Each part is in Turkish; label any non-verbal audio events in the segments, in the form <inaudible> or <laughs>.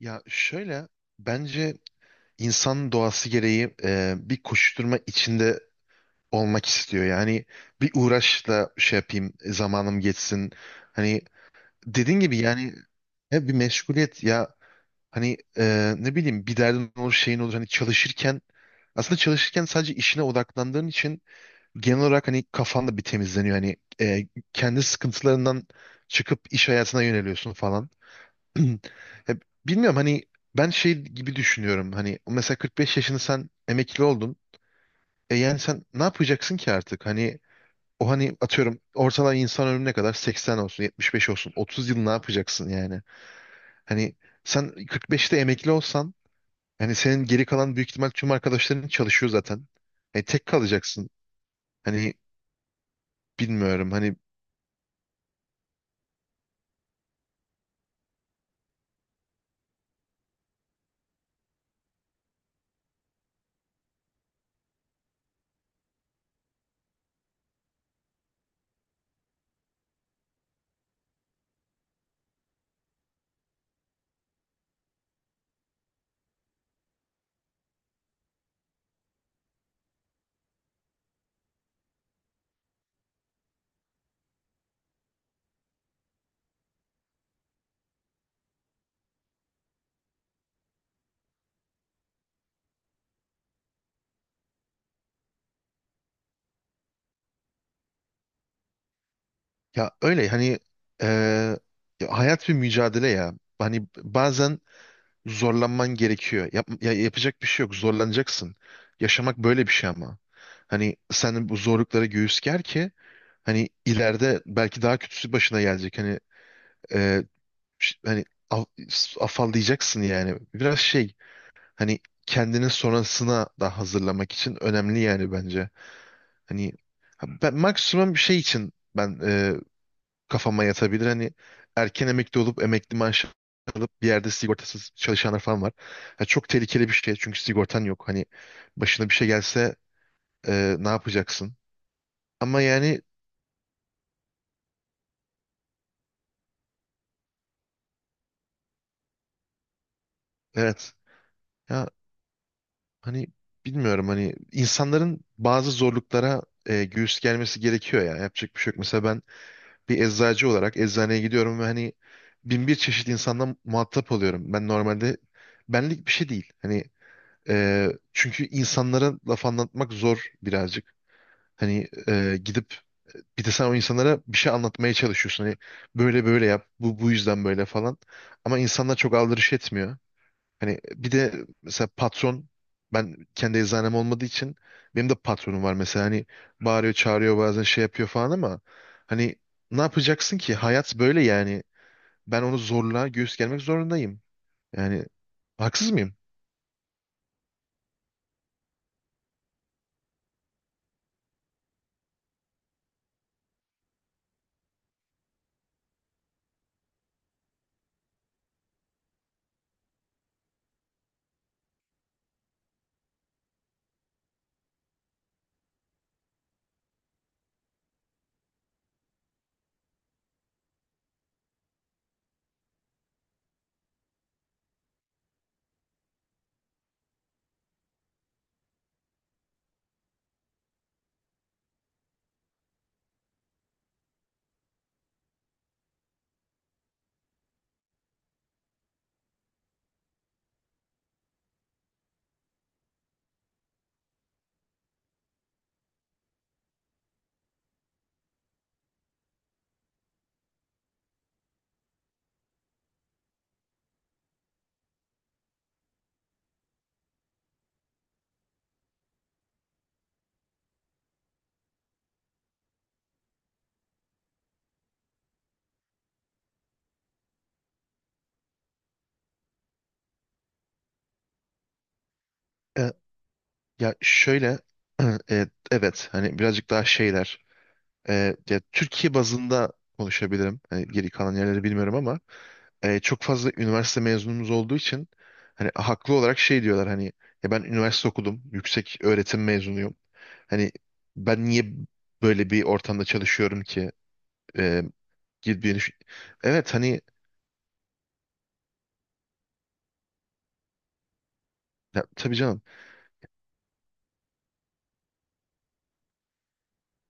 Ya şöyle bence insan doğası gereği bir koşuşturma içinde olmak istiyor. Yani bir uğraşla şey yapayım, zamanım geçsin. Hani dediğin gibi yani hep bir meşguliyet ya hani ne bileyim bir derdin olur şeyin olur hani çalışırken aslında çalışırken sadece işine odaklandığın için genel olarak hani kafan da bir temizleniyor. Hani e, kendi sıkıntılarından çıkıp iş hayatına yöneliyorsun falan. <clears throat> Ya bilmiyorum hani ben şey gibi düşünüyorum hani mesela 45 yaşını sen emekli oldun. E yani sen ne yapacaksın ki artık? Hani o hani atıyorum ortalama insan ömrüne kadar 80 olsun, 75 olsun, 30 yıl ne yapacaksın yani? Hani sen 45'te emekli olsan hani senin geri kalan büyük ihtimal tüm arkadaşların çalışıyor zaten. E tek kalacaksın. Hani bilmiyorum hani ya öyle hani, e, ya hayat bir mücadele ya. Hani bazen zorlanman gerekiyor. Yap, ya yapacak bir şey yok. Zorlanacaksın. Yaşamak böyle bir şey ama. Hani sen bu zorluklara göğüs ger ki hani ileride belki daha kötüsü başına gelecek. Hani e, hani afallayacaksın yani. Biraz şey hani kendini sonrasına da hazırlamak için önemli yani bence. Hani ben maksimum bir şey için ben kafama yatabilir. Hani erken emekli olup emekli maaşı alıp bir yerde sigortasız çalışanlar falan var. Ya çok tehlikeli bir şey çünkü sigortan yok. Hani başına bir şey gelse ne yapacaksın? Ama yani evet ya hani bilmiyorum hani insanların bazı zorluklara göğüs gelmesi gerekiyor ya. Yapacak bir şey yok. Mesela ben bir eczacı olarak eczaneye gidiyorum ve hani bin bir çeşit insandan muhatap oluyorum. Ben normalde benlik bir şey değil. Hani çünkü insanlara laf anlatmak zor birazcık. Hani gidip bir de sen o insanlara bir şey anlatmaya çalışıyorsun. Hani böyle böyle yap, bu yüzden böyle falan. Ama insanlar çok aldırış etmiyor. Hani bir de mesela patron, ben kendi eczanem olmadığı için benim de patronum var mesela. Hani bağırıyor, çağırıyor bazen şey yapıyor falan ama hani ne yapacaksın ki? Hayat böyle yani. Ben onu zorla göğüs germek zorundayım. Yani haksız mıyım? Ya şöyle <clears throat> evet hani birazcık daha şeyler, ya Türkiye bazında konuşabilirim. Hani geri kalan yerleri bilmiyorum ama çok fazla üniversite mezunumuz olduğu için hani haklı olarak şey diyorlar hani ya ben üniversite okudum. Yüksek öğretim mezunuyum. Hani ben niye böyle bir ortamda çalışıyorum ki? E, Gibi bir-. Evet hani ya, tabii canım.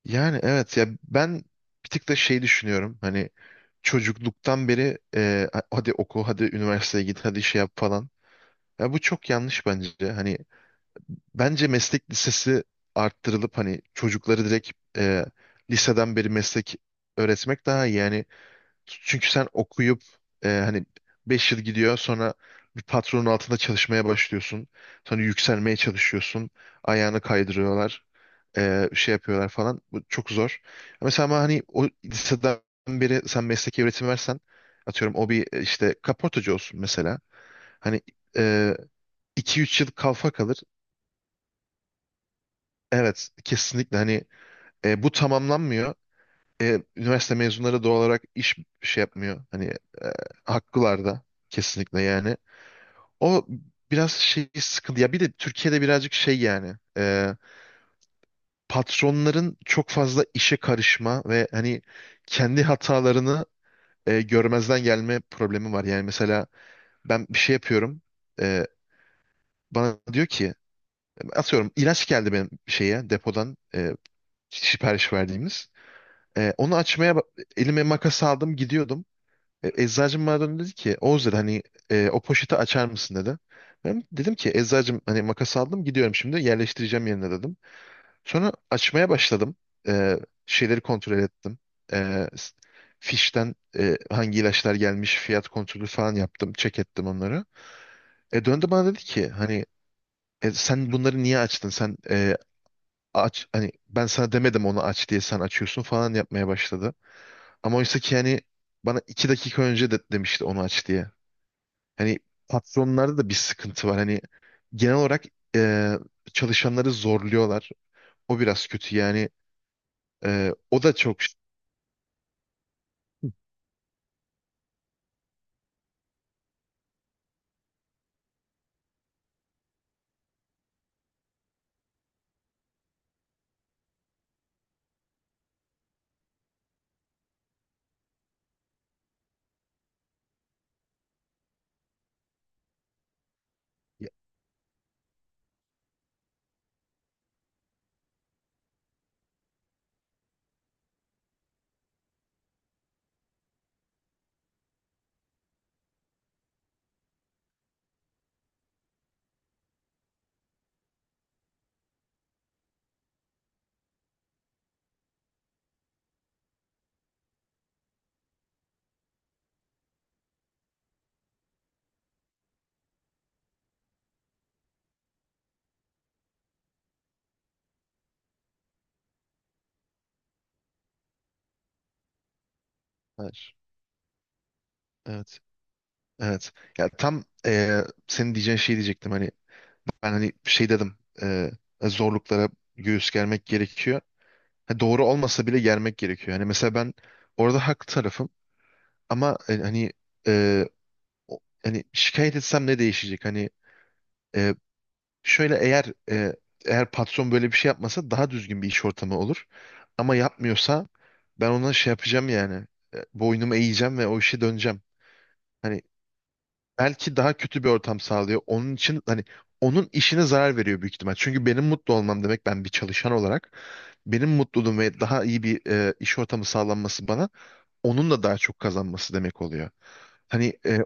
Yani evet ya ben bir tık da şey düşünüyorum hani çocukluktan beri hadi oku hadi üniversiteye git hadi şey yap falan. Ya bu çok yanlış bence. Hani bence meslek lisesi arttırılıp hani çocukları direkt e, liseden beri meslek öğretmek daha iyi. Yani çünkü sen okuyup hani 5 yıl gidiyor sonra bir patronun altında çalışmaya başlıyorsun. Sonra yükselmeye çalışıyorsun. Ayağını kaydırıyorlar. Şey yapıyorlar falan. Bu çok zor. Mesela ama hani o liseden beri sen mesleki öğretim versen atıyorum o bir işte kaportacı olsun mesela. Hani e, 2-3 yıl kalfa kalır. Evet kesinlikle hani bu tamamlanmıyor. Üniversite mezunları doğal olarak iş şey yapmıyor. Hani e, haklılar da kesinlikle yani. O biraz şey sıkıntı. Ya bir de Türkiye'de birazcık şey yani, patronların çok fazla işe karışma ve hani kendi hatalarını görmezden gelme problemi var. Yani mesela ben bir şey yapıyorum. E, Bana diyor ki atıyorum ilaç geldi benim şeye depodan sipariş verdiğimiz. E, onu açmaya elime makas aldım gidiyordum. Eczacım bana döndü dedi ki Oğuz dedi hani o poşeti açar mısın dedi. Ben dedim ki eczacım hani makas aldım gidiyorum şimdi yerleştireceğim yerine dedim. Sonra açmaya başladım. E, Şeyleri kontrol ettim. E, s- Fişten hangi ilaçlar gelmiş fiyat kontrolü falan yaptım. Check ettim onları. Döndü bana dedi ki hani: Sen bunları niye açtın? Sen aç hani ben sana demedim onu aç diye sen açıyorsun" falan yapmaya başladı. Ama oysa ki yani bana 2 dakika önce de demişti onu aç diye. Hani patronlarda da bir sıkıntı var. Hani genel olarak e, çalışanları zorluyorlar. O biraz kötü yani. O da çok. Ya, evet. Evet. Evet. Ya tam senin diyeceğin şey diyecektim. Hani ben hani şey dedim. Zorluklara göğüs germek gerekiyor. Ha, doğru olmasa bile yermek gerekiyor. Hani mesela ben orada haklı tarafım ama hani e, hani şikayet etsem ne değişecek? Hani e, şöyle eğer, e, eğer patron böyle bir şey yapmasa daha düzgün bir iş ortamı olur. Ama yapmıyorsa ben ona şey yapacağım yani. Boynumu eğeceğim ve o işe döneceğim. Hani belki daha kötü bir ortam sağlıyor. Onun için hani onun işine zarar veriyor büyük ihtimal. Çünkü benim mutlu olmam demek ben bir çalışan olarak benim mutluluğum ve daha iyi bir iş ortamı sağlanması bana onun da daha çok kazanması demek oluyor. Hani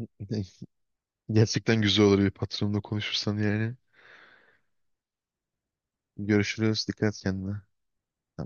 <laughs> gerçekten güzel olur bir patronla konuşursan yani. Görüşürüz. Dikkat et kendine. Tamam.